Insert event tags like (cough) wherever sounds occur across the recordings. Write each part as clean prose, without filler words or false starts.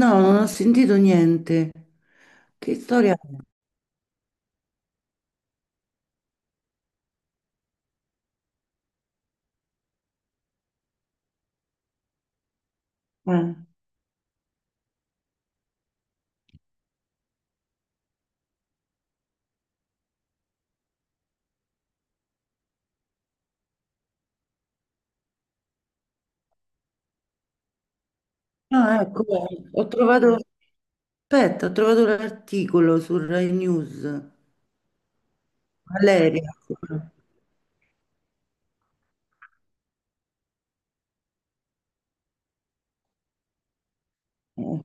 No, non ho sentito niente. Che storia. Eh, è? Ah, ecco, ho trovato, aspetta, ho trovato l'articolo su Rai News. Valeria. Eh.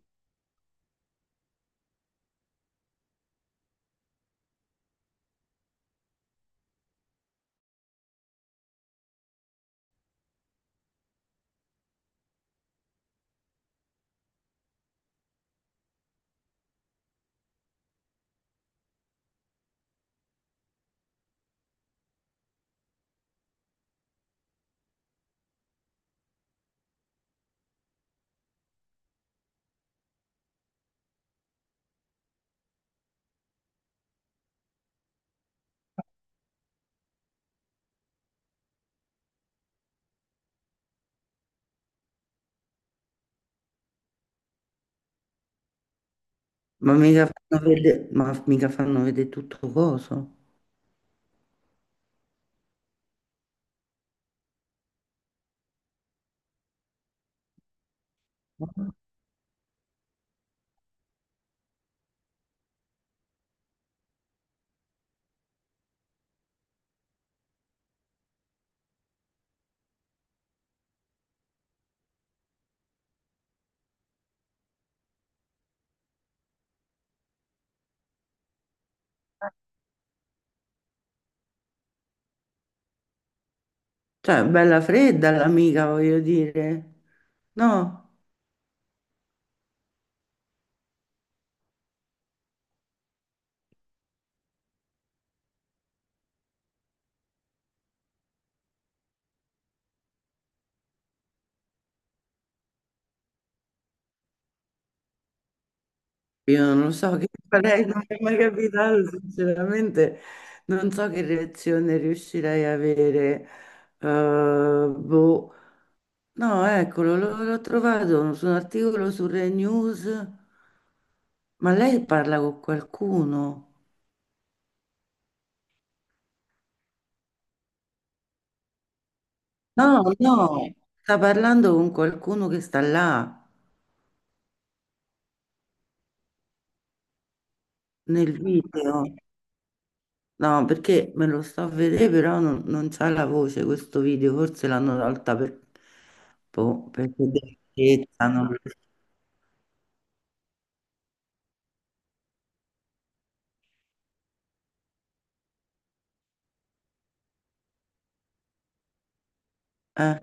Ma mica fanno vedere, ma mica fanno vedere tutto coso. Cioè, bella fredda l'amica, voglio dire. No, io non lo so che farei, non mi è mai capitato, sinceramente. Non so che reazione riuscirei a avere. Boh. No, eccolo, l'ho trovato su un articolo su Rai News. Ma lei parla con qualcuno? No, no, sta parlando con qualcuno che sta là nel video. No, perché me lo sto a vedere, però non c'ha la voce questo video, forse l'hanno tolta per, boh, perché delicatezza, non lo so. Eh,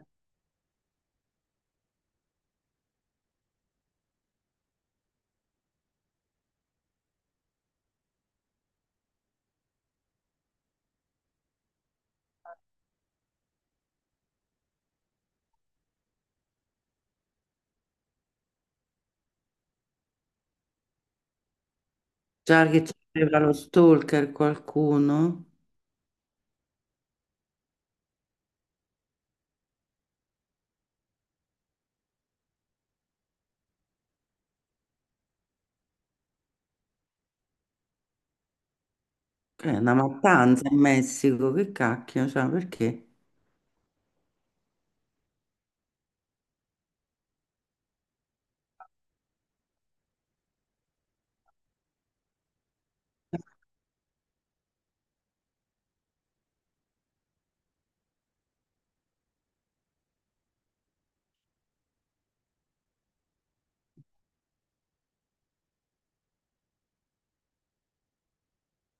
già che c'era lo stalker qualcuno, che è una mattanza in Messico, che cacchio, cioè, perché?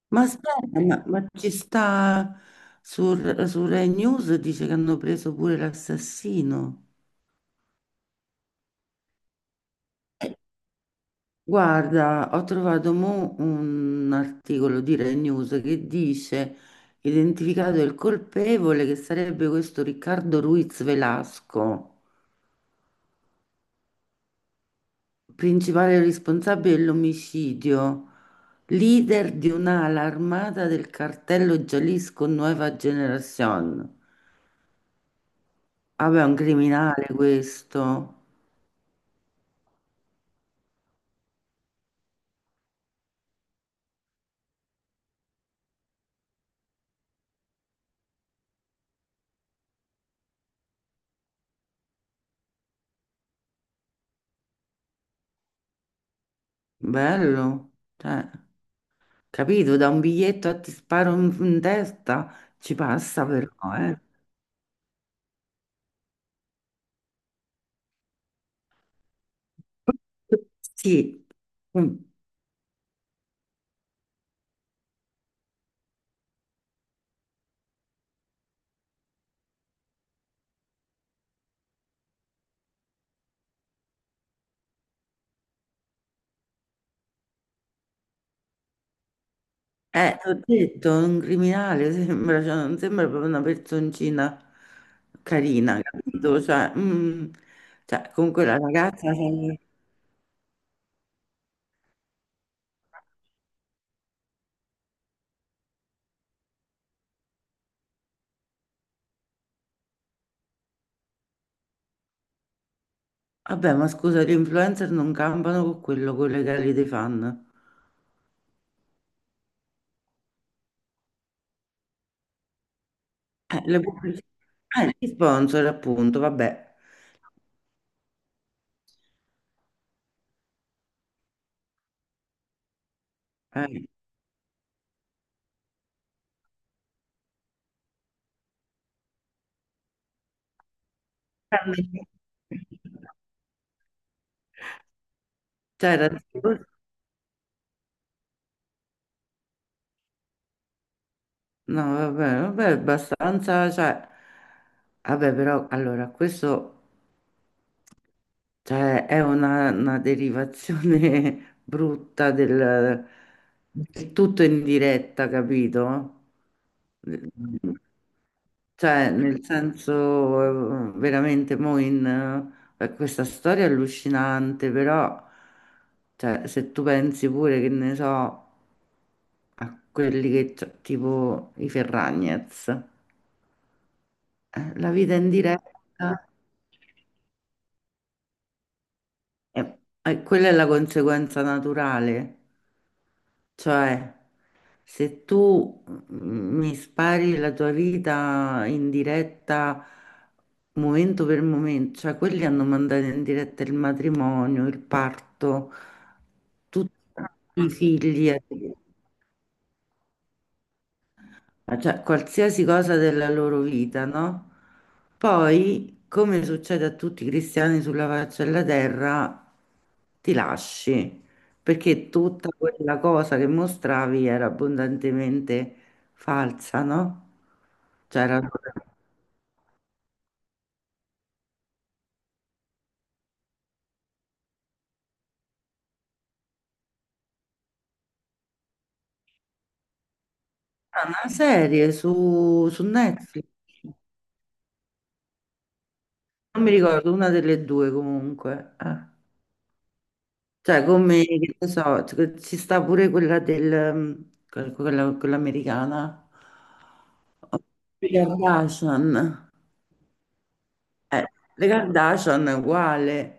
Ma aspetta, ma ci sta su, su Rai News dice che hanno preso pure l'assassino. Eh, Guarda, ho trovato mo un articolo di Rai News che dice identificato il colpevole che sarebbe questo Riccardo Ruiz Velasco, principale responsabile dell'omicidio, leader di un'ala armata del cartello Jalisco Nueva Generación. Vabbè, è un criminale questo. Bello, cioè, capito, da un biglietto a ti sparo in, in testa, ci passa però, eh. Sì. Mm. Eh, ti ho detto, un criminale sembra, cioè, non sembra proprio una personcina carina, capito? Cioè, mm, cioè, comunque la ragazza, cioè, vabbè, ma scusa, gli influencer non campano con quello, con le gare dei fan. Le pubblicità, gli sponsor appunto, vabbè. Eh. Cioè, era tipo- no, vabbè, vabbè, abbastanza, cioè, vabbè, però, allora, questo, cioè, è una derivazione (laughs) brutta del, del tutto in diretta, capito? Cioè, nel senso, veramente, mo in... questa storia è allucinante, però, cioè, se tu pensi pure che ne so, a quelli che, c'ho- tipo i Ferragnez, la vita in diretta. E quella è la conseguenza naturale, cioè se tu mi spari la tua vita in diretta momento per momento, cioè quelli hanno mandato in diretta il matrimonio, il parto, tutti i figli. Eh. Ah, cioè qualsiasi cosa della loro vita, no? Poi, come succede a tutti i cristiani sulla faccia della terra, ti lasci, perché tutta quella cosa che mostravi era abbondantemente falsa, no? C'era una serie su, su Netflix, non mi ricordo, una delle due comunque. Eh. Cioè, come, che ne so, ci sta pure quella del, quella, quella- quella americana. Le Kardashian, eh, le Kardashian è uguale,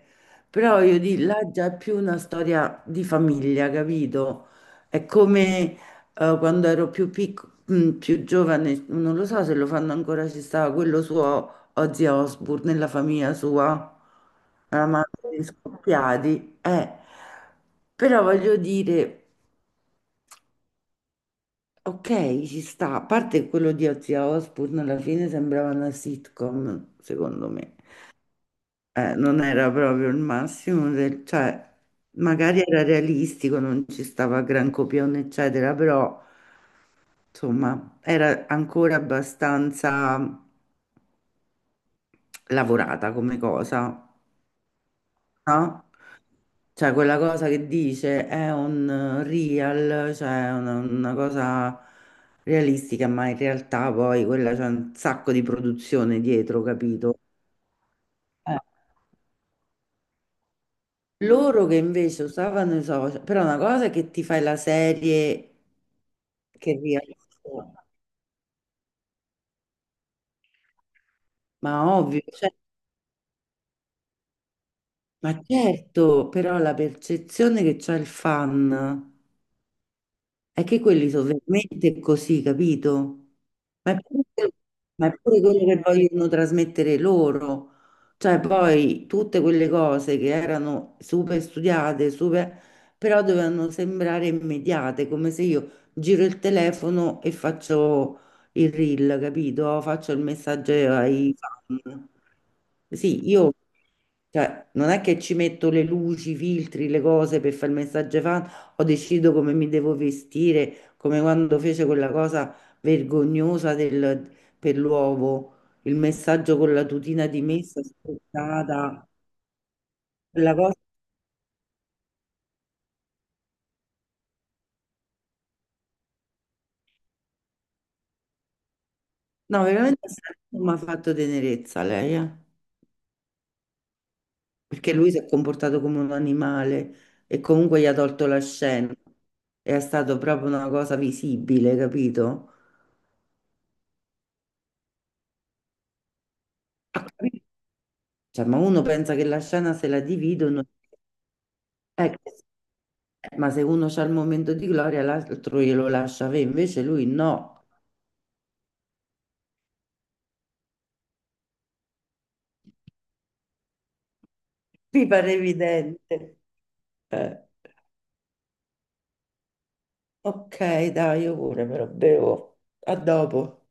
però io di là già è più una storia di famiglia, capito? È come quando ero più piccola, più giovane, non lo so se lo fanno ancora, ci stava quello suo Ozzy Osbourne nella famiglia sua, la madre di scoppiati, eh. Però voglio dire. Ok, ci sta. A parte quello di Ozzy Osbourne, alla fine sembrava una sitcom, secondo me. Non era proprio il massimo del... cioè, magari era realistico, non ci stava gran copione, eccetera, però, insomma, era ancora abbastanza lavorata come cosa, no? Cioè, quella cosa che dice è un real, cioè una cosa realistica, ma in realtà poi quella c'è un sacco di produzione dietro, capito? Eh, Loro che invece usavano i social, però una cosa è che ti fai la serie che rialza, ma ovvio, cioè, ma certo, però la percezione che c'ha il fan. È che quelli sono veramente così, capito? Ma è pure, ma è pure quello che vogliono trasmettere loro. Cioè, poi tutte quelle cose che erano super studiate, super, però dovevano sembrare immediate, come se io giro il telefono e faccio il reel, capito? Faccio il messaggio ai fan. Sì, io. Cioè, non è che ci metto le luci, i filtri, le cose per fare il messaggio ai fan, o decido come mi devo vestire, come quando fece quella cosa vergognosa del- per l'uovo, il messaggio con la tutina di messa spostata, quella cosa. No, veramente mi ha fatto tenerezza lei, eh. Perché lui si è comportato come un animale e comunque gli ha tolto la scena. È stata proprio una cosa visibile, capito? Cioè, ma uno pensa che la scena se la dividono, eh, ma se uno c'ha il momento di gloria, l'altro glielo lascia avere, invece lui no. Mi pare evidente. Eh, ok, dai, io pure me lo bevo. A dopo.